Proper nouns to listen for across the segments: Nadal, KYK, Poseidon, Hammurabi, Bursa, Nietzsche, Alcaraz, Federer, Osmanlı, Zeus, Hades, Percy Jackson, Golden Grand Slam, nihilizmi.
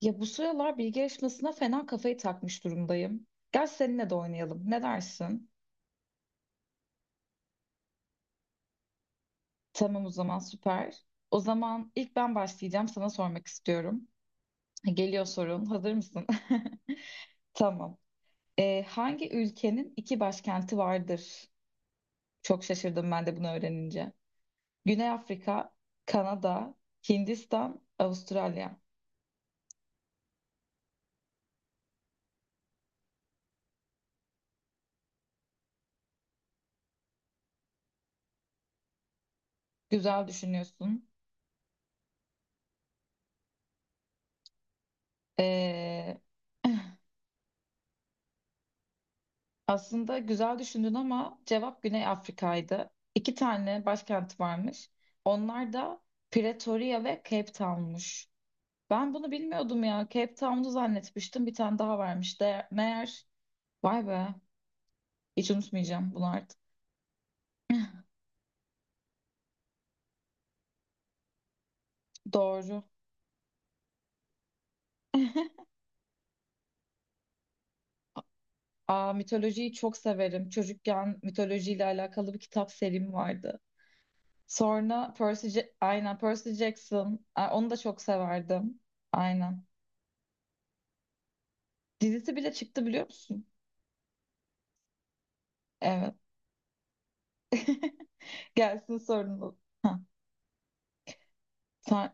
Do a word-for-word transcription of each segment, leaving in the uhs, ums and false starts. Ya bu sıralar bilgi yarışmasına fena kafayı takmış durumdayım. Gel seninle de oynayalım. Ne dersin? Tamam o zaman süper. O zaman ilk ben başlayacağım. Sana sormak istiyorum. Geliyor sorun. Hazır mısın? Tamam. Ee, hangi ülkenin iki başkenti vardır? Çok şaşırdım ben de bunu öğrenince. Güney Afrika, Kanada, Hindistan, Avustralya. Güzel düşünüyorsun. Ee, aslında güzel düşündün ama cevap Güney Afrika'ydı. İki tane başkent varmış. Onlar da Pretoria ve Cape Town'muş. Ben bunu bilmiyordum ya. Cape Town'u zannetmiştim. Bir tane daha varmış. De meğer vay be. Hiç unutmayacağım bunu artık. Doğru. Aa, mitolojiyi çok severim. Çocukken mitolojiyle alakalı bir kitap serim vardı. Sonra Percy, Ja- aynen Percy Jackson. Aa, onu da çok severdim. Aynen. Dizisi bile çıktı biliyor musun? Evet. Gelsin sorun. Ha, sen-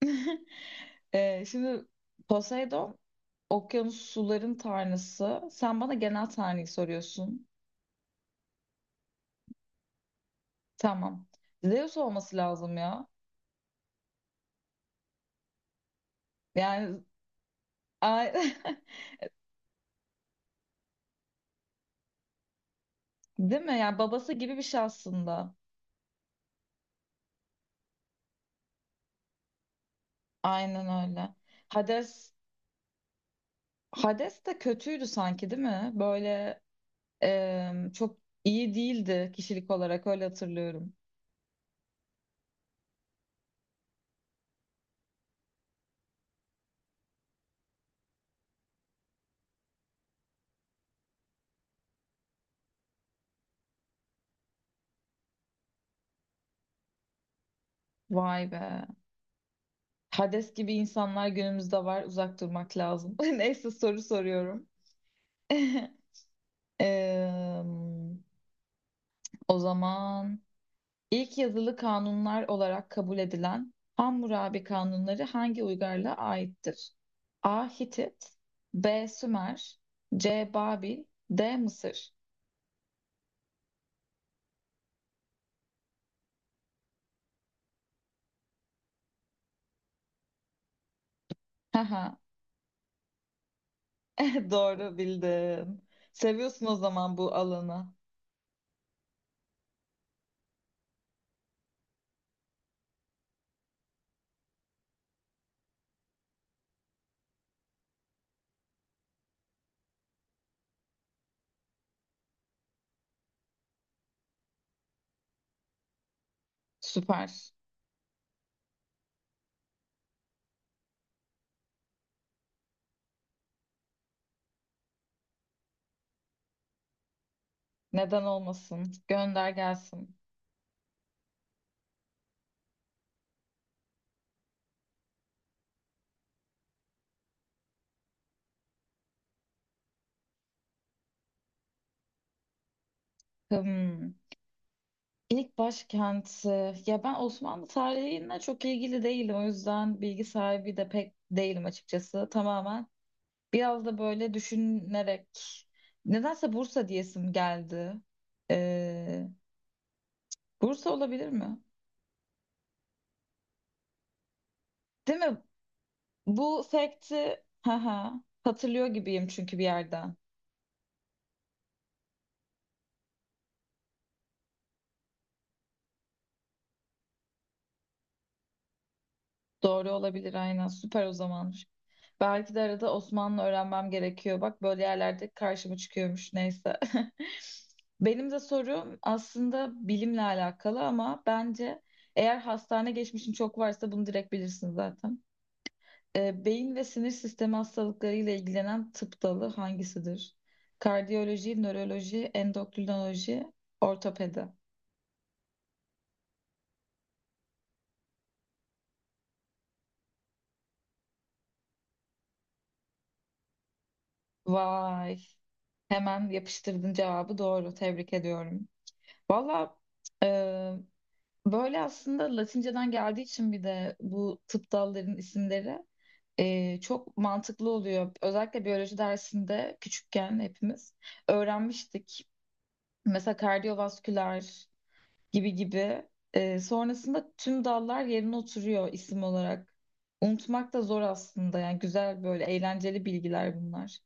Ee, şimdi Poseidon okyanus suların tanrısı. Sen bana genel tanrıyı soruyorsun. Tamam. Zeus olması lazım ya. Yani ay- değil mi? Yani babası gibi bir şey aslında. Aynen öyle. Hades Hades de kötüydü sanki değil mi? Böyle em, çok iyi değildi kişilik olarak öyle hatırlıyorum. Vay be. Hades gibi insanlar günümüzde var. Uzak durmak lazım. Neyse soru soruyorum. Eee, o zaman ilk yazılı kanunlar olarak kabul edilen Hammurabi kanunları hangi uygarlığa aittir? A. Hitit B. Sümer C. Babil D. Mısır Haha, doğru bildin. Seviyorsun o zaman bu alanı. Süper. Neden olmasın? Gönder gelsin. Hmm. İlk başkenti. Ya ben Osmanlı tarihine çok ilgili değilim. O yüzden bilgi sahibi de pek değilim açıkçası. Tamamen biraz da böyle düşünerek. Nedense Bursa diyesim geldi. Ee, Bursa olabilir mi? Değil mi? Bu sekti haha, hatırlıyor gibiyim çünkü bir yerden. Doğru olabilir aynen. Süper o zaman. Belki de arada Osmanlı öğrenmem gerekiyor. Bak böyle yerlerde karşıma çıkıyormuş. Neyse. Benim de sorum aslında bilimle alakalı ama bence eğer hastane geçmişin çok varsa bunu direkt bilirsin zaten. Ee, beyin ve sinir sistemi hastalıklarıyla ilgilenen tıp dalı hangisidir? Kardiyoloji, nöroloji, endokrinoloji, ortopedi. Vay. Hemen yapıştırdın cevabı doğru. Tebrik ediyorum. Valla e, böyle aslında Latinceden geldiği için bir de bu tıp dallarının isimleri e, çok mantıklı oluyor. Özellikle biyoloji dersinde küçükken hepimiz öğrenmiştik. Mesela kardiyovasküler gibi gibi. E, sonrasında tüm dallar yerine oturuyor isim olarak. Unutmak da zor aslında. Yani güzel böyle eğlenceli bilgiler bunlar.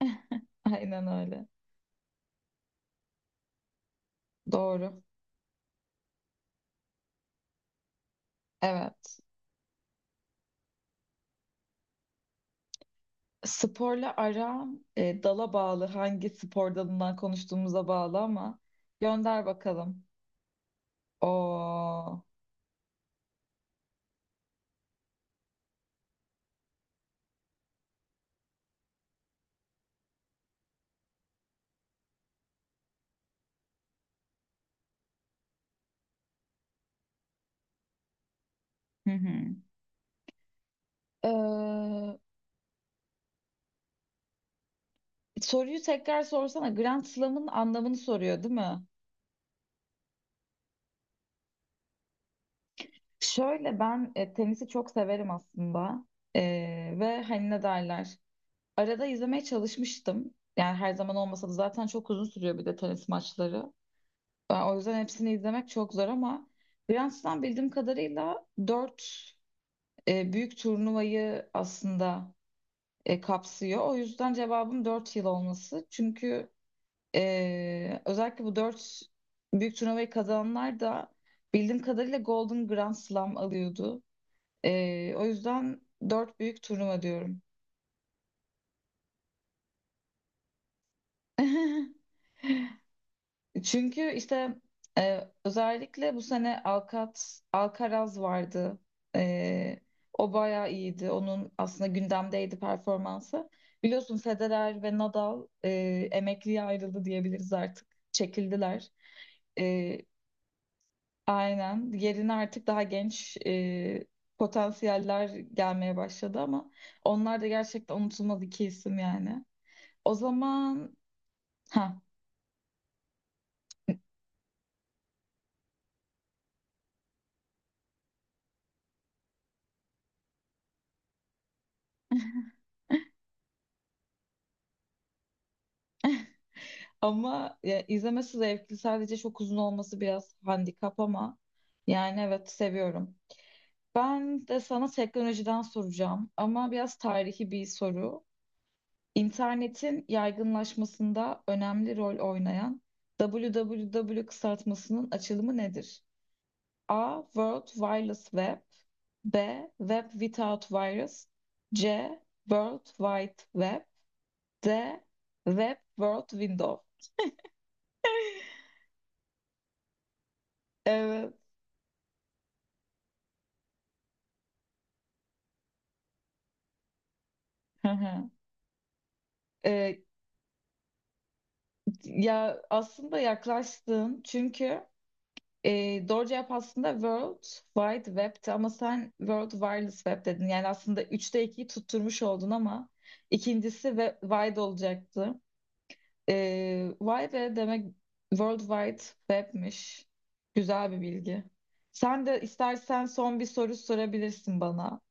Aynen öyle. Doğru. Evet. Sporla aram e, dala bağlı, hangi spor dalından konuştuğumuza bağlı ama gönder bakalım. Oo. Hı hı. Ee, Soruyu tekrar sorsana. Grand Slam'ın anlamını soruyor değil mi? Şöyle ben e, tenisi çok severim aslında. Ee, ve hani ne derler? Arada izlemeye çalışmıştım. Yani her zaman olmasa da zaten çok uzun sürüyor bir de tenis maçları. Ben- o yüzden hepsini izlemek çok zor ama Grand Slam bildiğim kadarıyla dört. E, büyük turnuvayı aslında e, kapsıyor. O yüzden cevabım dört yıl olması. Çünkü e, özellikle bu dört büyük turnuvayı kazananlar da bildiğim kadarıyla Golden Grand Slam alıyordu. E, o yüzden dört büyük turnuva diyorum. Çünkü işte e, özellikle bu sene Alcat, Alcaraz vardı. E, O bayağı iyiydi. Onun aslında gündemdeydi performansı. Biliyorsun Federer ve Nadal e, emekliye ayrıldı diyebiliriz artık. Çekildiler. E, aynen. Yerine artık daha genç e, potansiyeller gelmeye başladı ama onlar da gerçekten unutulmaz iki isim yani. O zaman ha. Ama ya, izlemesi zevkli. Sadece çok uzun olması biraz handikap ama yani evet seviyorum. Ben de sana teknolojiden soracağım ama biraz tarihi bir soru. İnternetin yaygınlaşmasında önemli rol oynayan www kısaltmasının açılımı nedir? A. World Wireless Web B. Web Without Virus C. World Wide Web D. Web World Window Evet. Hı hı. Ee, Ya aslında yaklaştın çünkü e, doğru cevap aslında World Wide Web'ti ama sen World Wireless Web dedin. Yani aslında üçte ikiyi tutturmuş oldun ama ikincisi ve wide olacaktı. E, wide demek World Wide Web'miş. Güzel bir bilgi. Sen de istersen son bir soru sorabilirsin bana.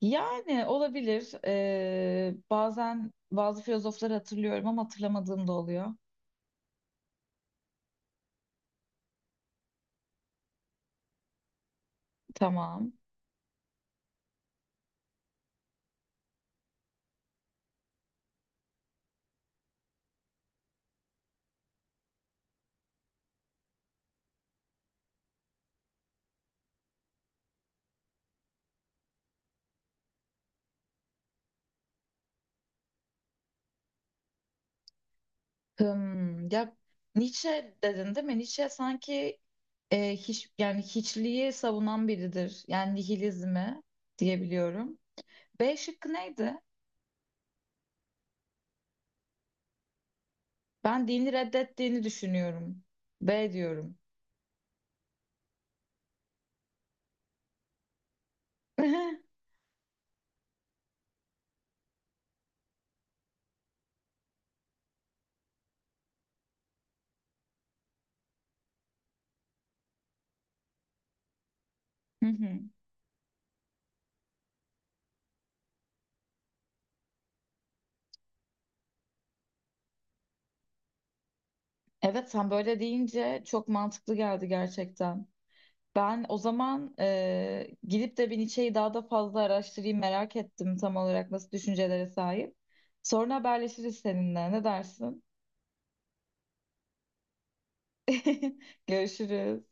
Yani olabilir. E, bazen bazı filozofları hatırlıyorum ama hatırlamadığım da oluyor. Tamam. Hmm, ya Nietzsche dedin değil mi? Nietzsche sanki e, hiç yani hiçliği savunan biridir. Yani nihilizmi diyebiliyorum. B şıkkı neydi? Ben dini reddettiğini düşünüyorum. B diyorum. Hı hı. Evet sen böyle deyince çok mantıklı geldi gerçekten. Ben o zaman e, gidip de bir Nietzsche'yi daha da fazla araştırayım, merak ettim tam olarak nasıl düşüncelere sahip. Sonra haberleşiriz seninle. Ne dersin? Görüşürüz.